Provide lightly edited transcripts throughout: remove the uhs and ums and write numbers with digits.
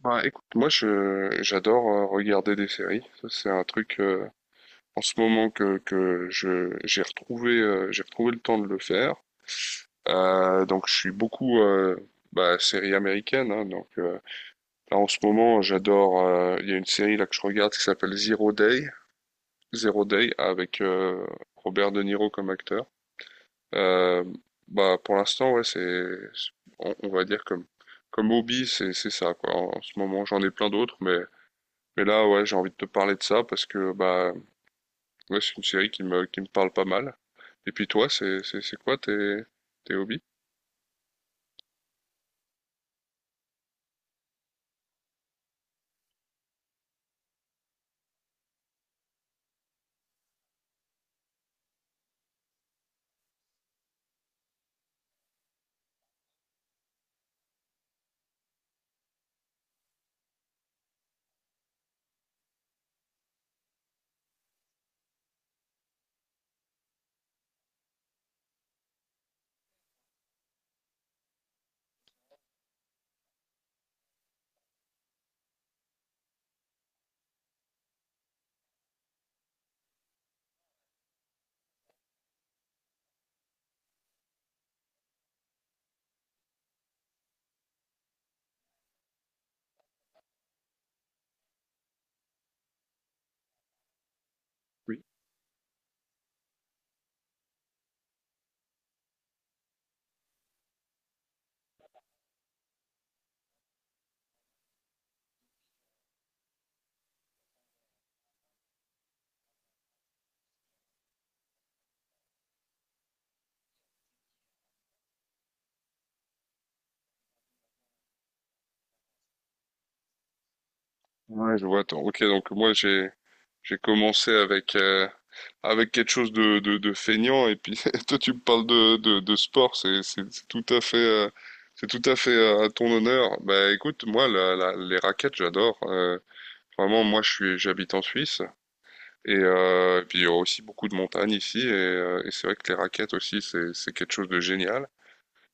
Bah écoute, moi je j'adore regarder des séries. Ça, c'est un truc en ce moment que je j'ai retrouvé le temps de le faire. Donc je suis beaucoup bah, série américaine, hein. Là en ce moment j'adore. Il y a une série là que je regarde qui s'appelle Zero Day. Zero Day avec Robert De Niro comme acteur. Euh, Bah pour l'instant ouais c'est, on va dire comme comme hobby c'est ça quoi. En ce moment j'en ai plein d'autres, mais là, ouais, j'ai envie de te parler de ça parce que bah ouais, c'est une série qui me parle pas mal. Et puis toi, c'est quoi tes tes hobbies? Oui. Ouais, je vois. Attends. Ok, donc moi j'ai commencé avec avec quelque chose de feignant et puis toi tu me parles de sport, c'est tout à fait c'est tout à fait à ton honneur. Bah écoute, moi les raquettes, j'adore. Vraiment, moi je suis j'habite en Suisse. Et puis il y a aussi beaucoup de montagnes ici, et c'est vrai que les raquettes aussi, c'est quelque chose de génial.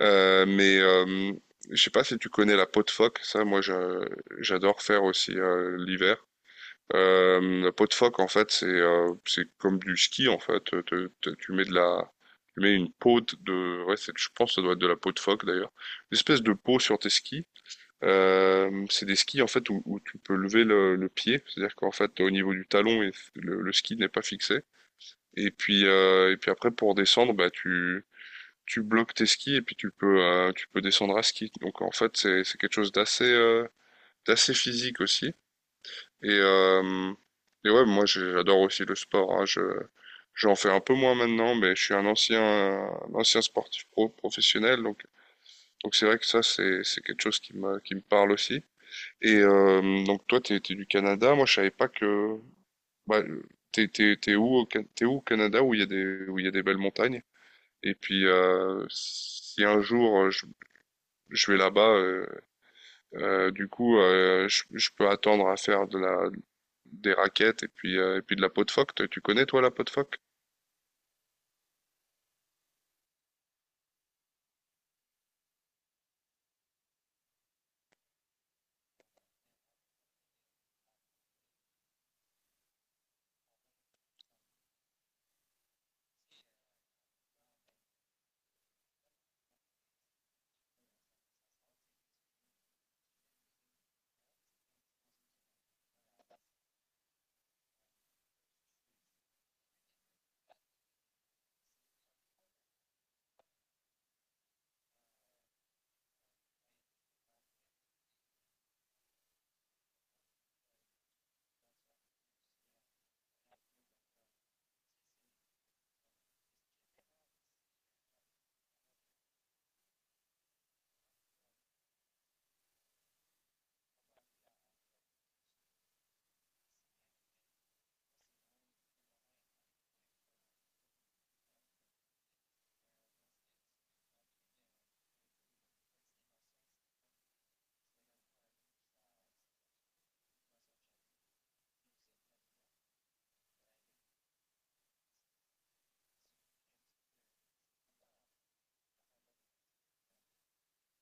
Mais je sais pas si tu connais la peau de phoque, j'adore faire aussi l'hiver. La peau de phoque en fait c'est comme du ski en fait. Tu mets de la tu mets une peau de ouais je pense que ça doit être de la peau de phoque d'ailleurs, une espèce de peau sur tes skis. C'est des skis en fait où tu peux lever le pied, c'est-à-dire qu'en fait au niveau du talon et le ski n'est pas fixé. Et puis après, pour descendre, bah, tu bloques tes skis et puis tu peux descendre à ski. Donc en fait, c'est quelque chose d'assez physique aussi. Et, euh, et ouais, j'adore aussi le sport, hein. J'en fais un peu moins maintenant, mais je suis un ancien sportif pro, professionnel. Donc c'est vrai que ça, c'est quelque chose qui me parle aussi. Donc toi, t'es du Canada. Moi, je savais pas que, bah, t'es où, t'es où au Canada où il y a des, où il y a des belles montagnes? Et puis, si un jour je vais là-bas, je peux attendre à faire de la, des raquettes et puis de la peau de phoque. Tu connais, toi, la peau de phoque?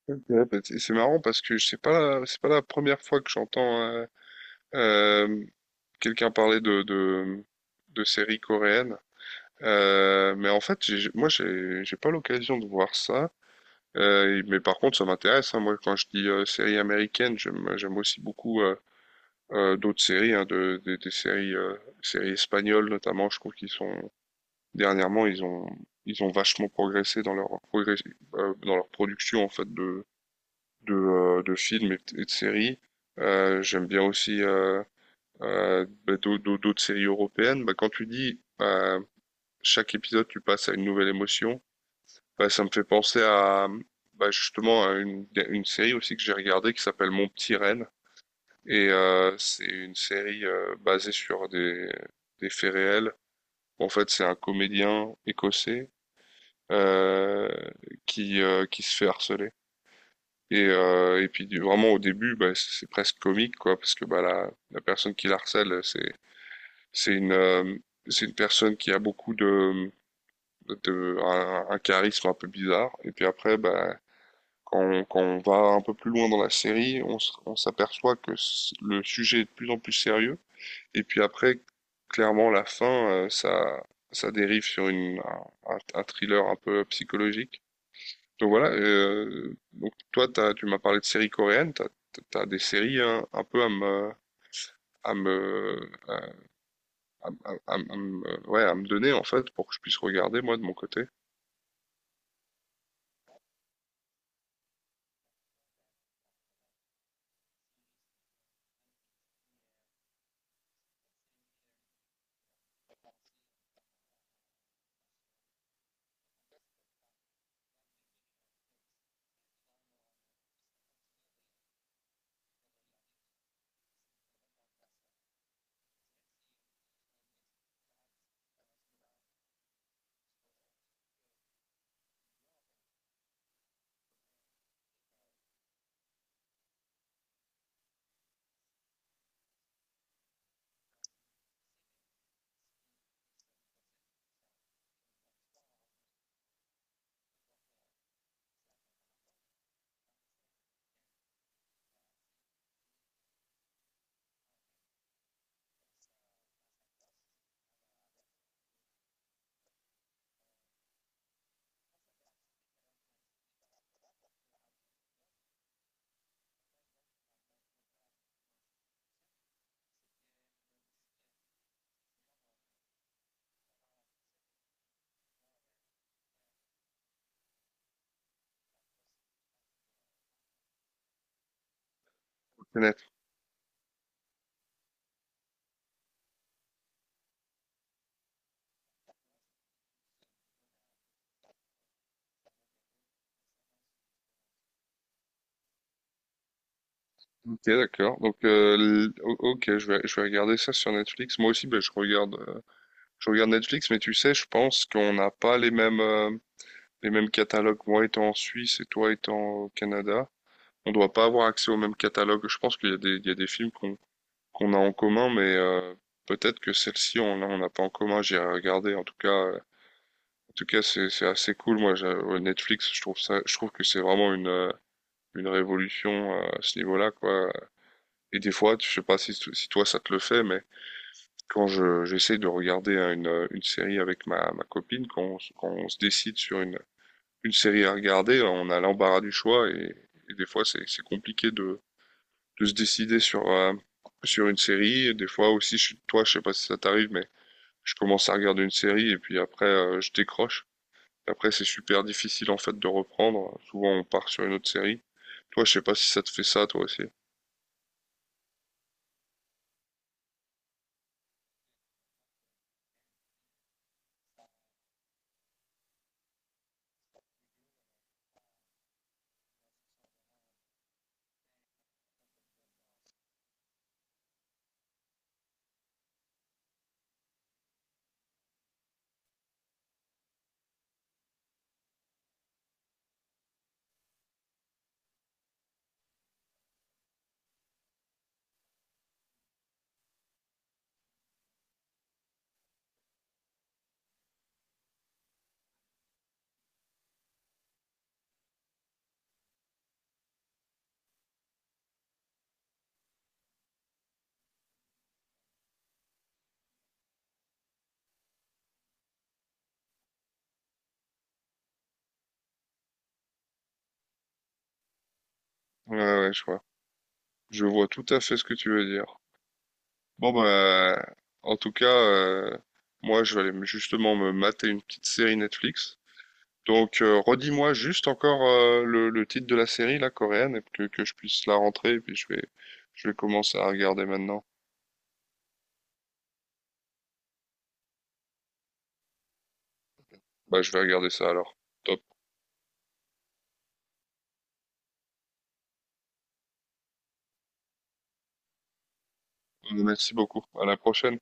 Ok. Bah, c'est marrant parce que c'est pas, c'est pas la première fois que j'entends euh, quelqu'un parler de séries coréennes. Mais en fait, moi, j'ai pas l'occasion de voir ça. Mais par contre, ça m'intéresse, hein. Moi, quand je dis séries américaines, j'aime aussi beaucoup d'autres séries, hein, des séries, séries espagnoles notamment. Je trouve qu'ils sont dernièrement, ils ont vachement progressé dans leur progrès, dans leur production en fait de films et, et de séries. J'aime bien aussi bah, d'autres séries européennes. Bah, quand tu dis chaque épisode, tu passes à une nouvelle émotion, bah, ça me fait penser à bah, justement à une série aussi que j'ai regardée qui s'appelle Mon petit Renne, et c'est une série basée sur des faits réels. En fait, c'est un comédien écossais euh, qui se fait harceler. Et puis vraiment au début, bah, c'est presque comique, quoi, parce que bah, la personne qui l'harcèle, c'est une, euh, c'est une personne qui a beaucoup de, un charisme un peu bizarre. Et puis après, bah, quand on va un peu plus loin dans la série, on s'aperçoit que le sujet est de plus en plus sérieux. Et puis après, clairement, la fin, ça dérive sur une, un thriller un peu psychologique. Donc voilà, donc toi, tu m'as parlé de séries coréennes, t'as des séries hein, un peu à me, à me, à- à me, ouais, à me donner en fait pour que je puisse regarder moi de mon côté. Net. Ok, d'accord. Donc, ok, je vais regarder ça sur Netflix. Moi aussi, ben, je regarde Netflix, mais tu sais, je pense qu'on n'a pas les mêmes, les mêmes catalogues. Moi étant en Suisse et toi étant au Canada, on doit pas avoir accès au même catalogue. Je pense qu'il y a des, il y a des films qu'on a en commun, mais peut-être que celle-ci on n'a pas en commun. J'ai regardé. En tout cas, c'est assez cool. Moi, ouais, Netflix, je trouve que c'est vraiment une révolution à ce niveau-là, quoi. Et des fois, je sais pas si si toi ça te le fait, mais quand je j'essaie de regarder hein, une série avec ma copine, quand quand on se décide sur une série à regarder, on a l'embarras du choix et des fois c'est compliqué de se décider sur, sur une série. Et des fois aussi, toi, je sais pas si ça t'arrive, mais je commence à regarder une série et puis après je décroche. Après, c'est super difficile en fait de reprendre. Souvent, on part sur une autre série. Toi, je sais pas si ça te fait ça, toi aussi. Ouais, ouais, je vois. Je vois tout à fait ce que tu veux dire. Bon, bah, en tout cas, moi, je vais aller justement me mater une petite série Netflix. Donc, redis-moi juste encore le titre de la série, la coréenne, et que je puisse la rentrer, et puis je vais commencer à regarder maintenant. Bah, je vais regarder ça alors. Top. Merci beaucoup. À la prochaine.